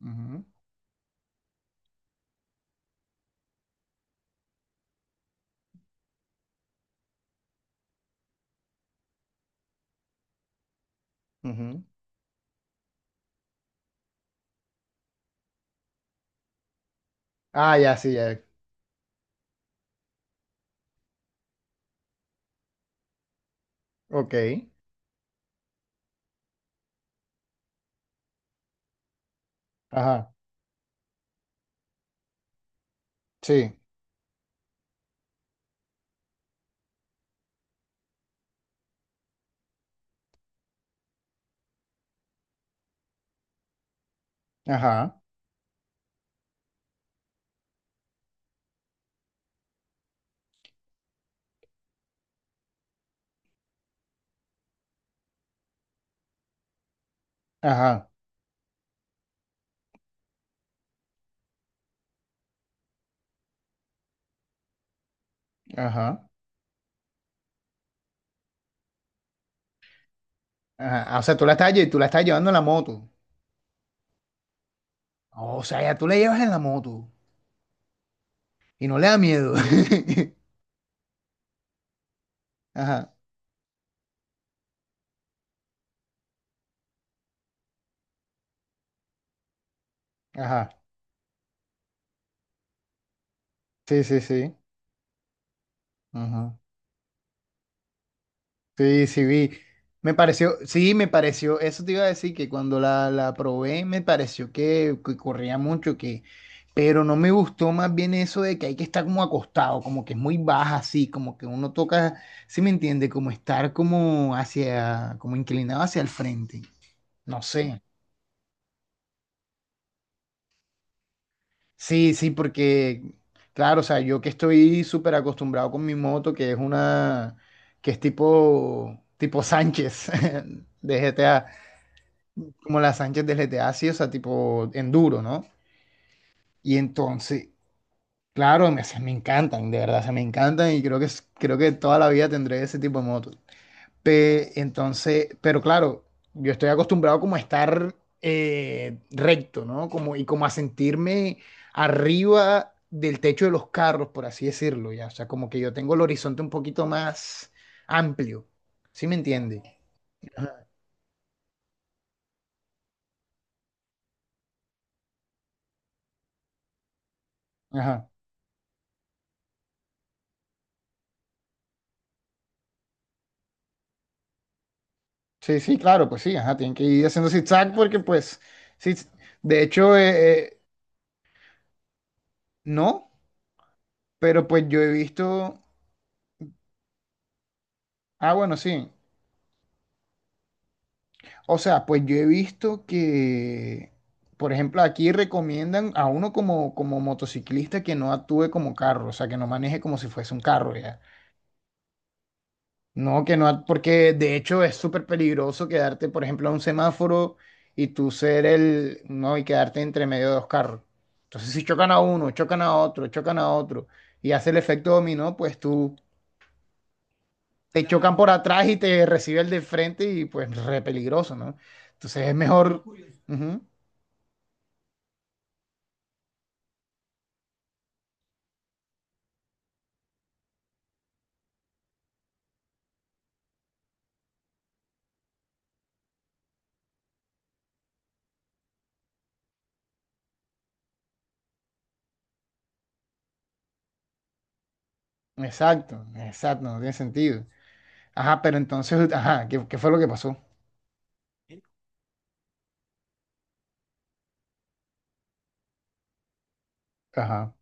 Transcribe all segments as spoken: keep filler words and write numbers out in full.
Ujú, ujú. Ah, ya, sí, ya. Ok. Ajá, sí. Ajá, ajá, ajá, ajá. Ah, o sea, tú la estás, lle- tú la estás llevando en la moto. O sea, ya tú la llevas en la moto y no le da miedo. Ajá, ajá. Sí, sí, sí. Sí, sí vi. Me pareció, sí, me pareció, eso te iba a decir que cuando la, la probé, me pareció que, que corría mucho, que, pero no me gustó más bien eso de que hay que estar como acostado, como que es muy baja así, como que uno toca, si me entiende, como estar como hacia, como inclinado hacia el frente. No sé. Sí, sí, porque, claro, o sea, yo que estoy súper acostumbrado con mi moto, que es una, que es tipo, tipo Sánchez de G T A. Como la Sánchez del G T A, sí, o sea, tipo enduro, ¿no? Y entonces, claro, me, o me encantan, de verdad, se me encantan y creo que, es- creo que toda la vida tendré ese tipo de motos. Pe- entonces, pero claro, yo estoy acostumbrado como a estar eh, recto, ¿no? Como, y como a sentirme arriba del techo de los carros, por así decirlo, ya. O sea, como que yo tengo el horizonte un poquito más amplio, ¿sí me entiende? Ajá. Sí, sí, claro, pues sí, ajá, tienen que ir haciendo zigzag porque pues, sí, de hecho, eh, eh, no, pero pues yo he visto, ah, bueno, sí, o sea, pues yo he visto que, por ejemplo, aquí recomiendan a uno como, como motociclista que no actúe como carro, o sea, que no maneje como si fuese un carro, ya. No, que no, porque de hecho es súper peligroso quedarte, por ejemplo, a un semáforo y tú ser el, no, y quedarte entre medio de dos carros. Entonces, si chocan a uno, chocan a otro, chocan a otro, y hace el efecto dominó, pues tú te chocan por atrás y te recibe el de frente y pues re peligroso, ¿no? Entonces es mejor. Ujú. Exacto, exacto, no tiene sentido. Ajá, pero entonces, ajá, ¿qué, qué fue lo que pasó? Ajá.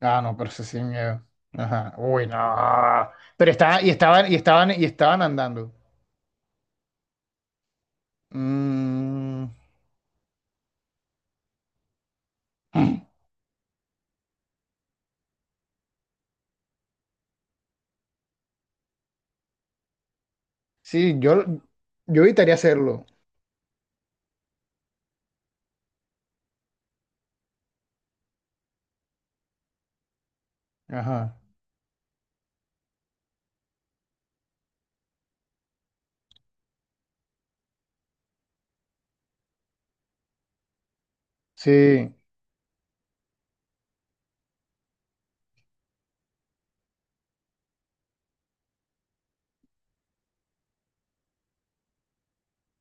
Ah, no, pero eso sí miedo. Ajá. Uy, no. Pero estaban, y estaban, y estaban, y estaban andando. Mm. Sí, yo, yo evitaría hacerlo. Ajá. Sí.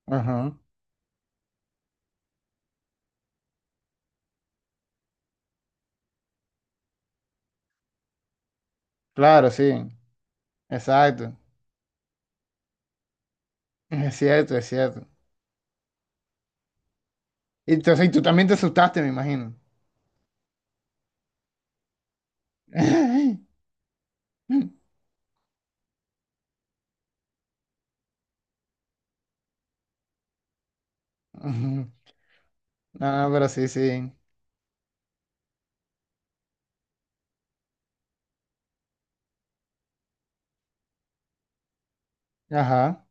Ajá. Claro, sí. Exacto. Es cierto, es cierto. Y entonces, y tú también te asustaste, me imagino. Ujú. No, no, pero sí, sí. Ajá.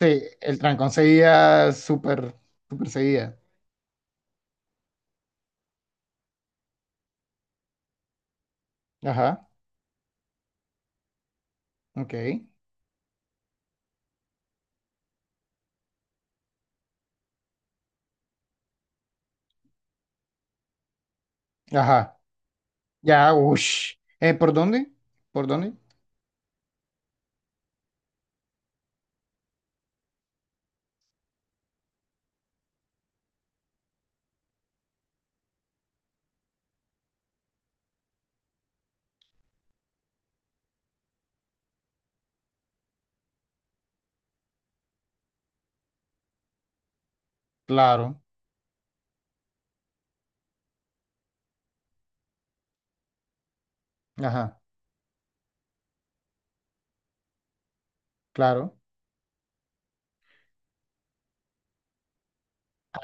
Sí, el trancón seguía súper, súper seguía. Ajá. Ok. Ajá. Ya, ush. Eh, ¿por dónde? ¿Por dónde? Claro, ajá, claro.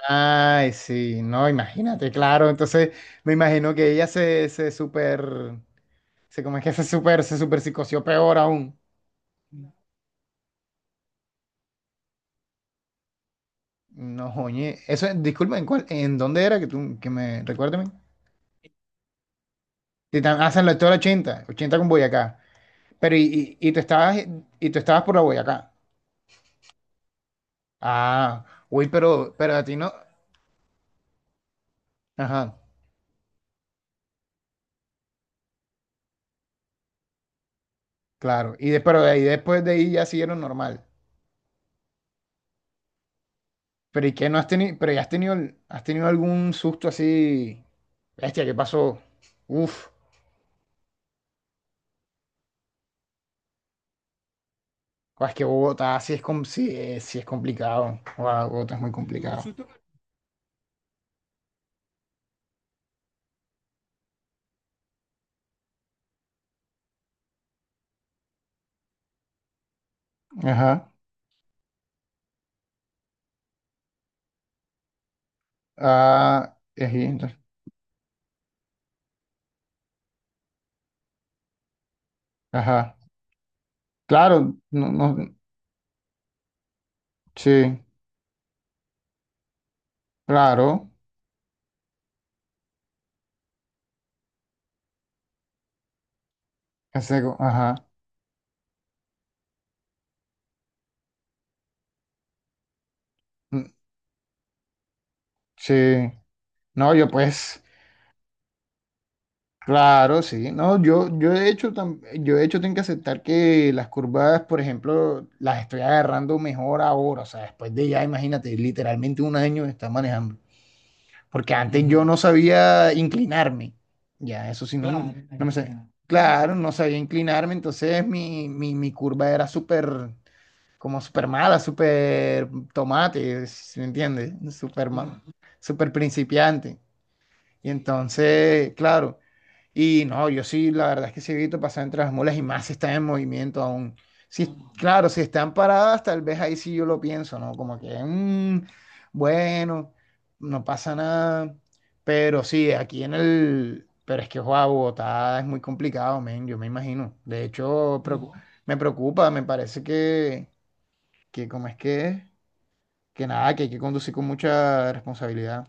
Ay, sí, no, imagínate, claro. Entonces, me imagino que ella se, se super, se, como es que se super, se super psicoció peor aún. No, oye, eso, disculpa, ¿en cuál, en dónde era que tú, que me, recuérdame? Titán, ah, San Lector ochenta, ochenta con Boyacá. Pero, y, y, ¿y tú estabas, y tú estabas por la Boyacá? Ah, uy, pero, pero a ti no, ajá, claro. Y de, pero de ahí, después de ahí ya siguieron normal. Pero ¿y qué no has tenido? Pero ya has tenido, has tenido algún susto así. Bestia, ¿qué pasó? Uf, guau, es que Bogotá sí es, com- sí, es- sí es complicado. Guau, Bogotá es muy ¿un complicado. Ajá. Ah, ejí, entonces, ajá. Claro, no, no, sí, claro. Ese go- ajá. Mm, sí. No, yo pues. Claro, sí. No, yo, yo de hecho, tam- yo de hecho tengo que aceptar que las curvas, por ejemplo, las estoy agarrando mejor ahora. O sea, después de ya, imagínate, literalmente un año de estar manejando. Porque antes yo, ujú, no sabía inclinarme. Ya, eso sí, no, no me sabía. Claro, no sabía inclinarme. Entonces mi, mi, mi curva era súper, como súper mala, súper tomate, ¿sí me entiendes? Súper ma- ujú, súper principiante. Y entonces, claro. Y no, yo sí, la verdad es que sí evito pasar entre las mulas y más si están en movimiento aún. Sí, claro, si están paradas, tal vez ahí sí yo lo pienso, ¿no? Como que, mm, bueno, no pasa nada. Pero sí, aquí en el... Pero es que, guau, Bogotá es muy complicado, men, yo me imagino. De hecho, preocu- no, me preocupa, me parece que, que ¿cómo es que es? Que nada, que hay que conducir con mucha responsabilidad.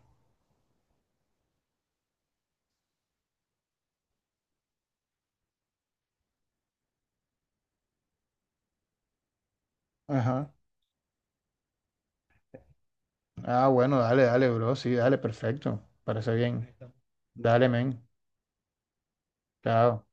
Ajá. Ah, bueno, dale, dale, bro, sí, dale, perfecto. Parece bien. Dale, men. Chao.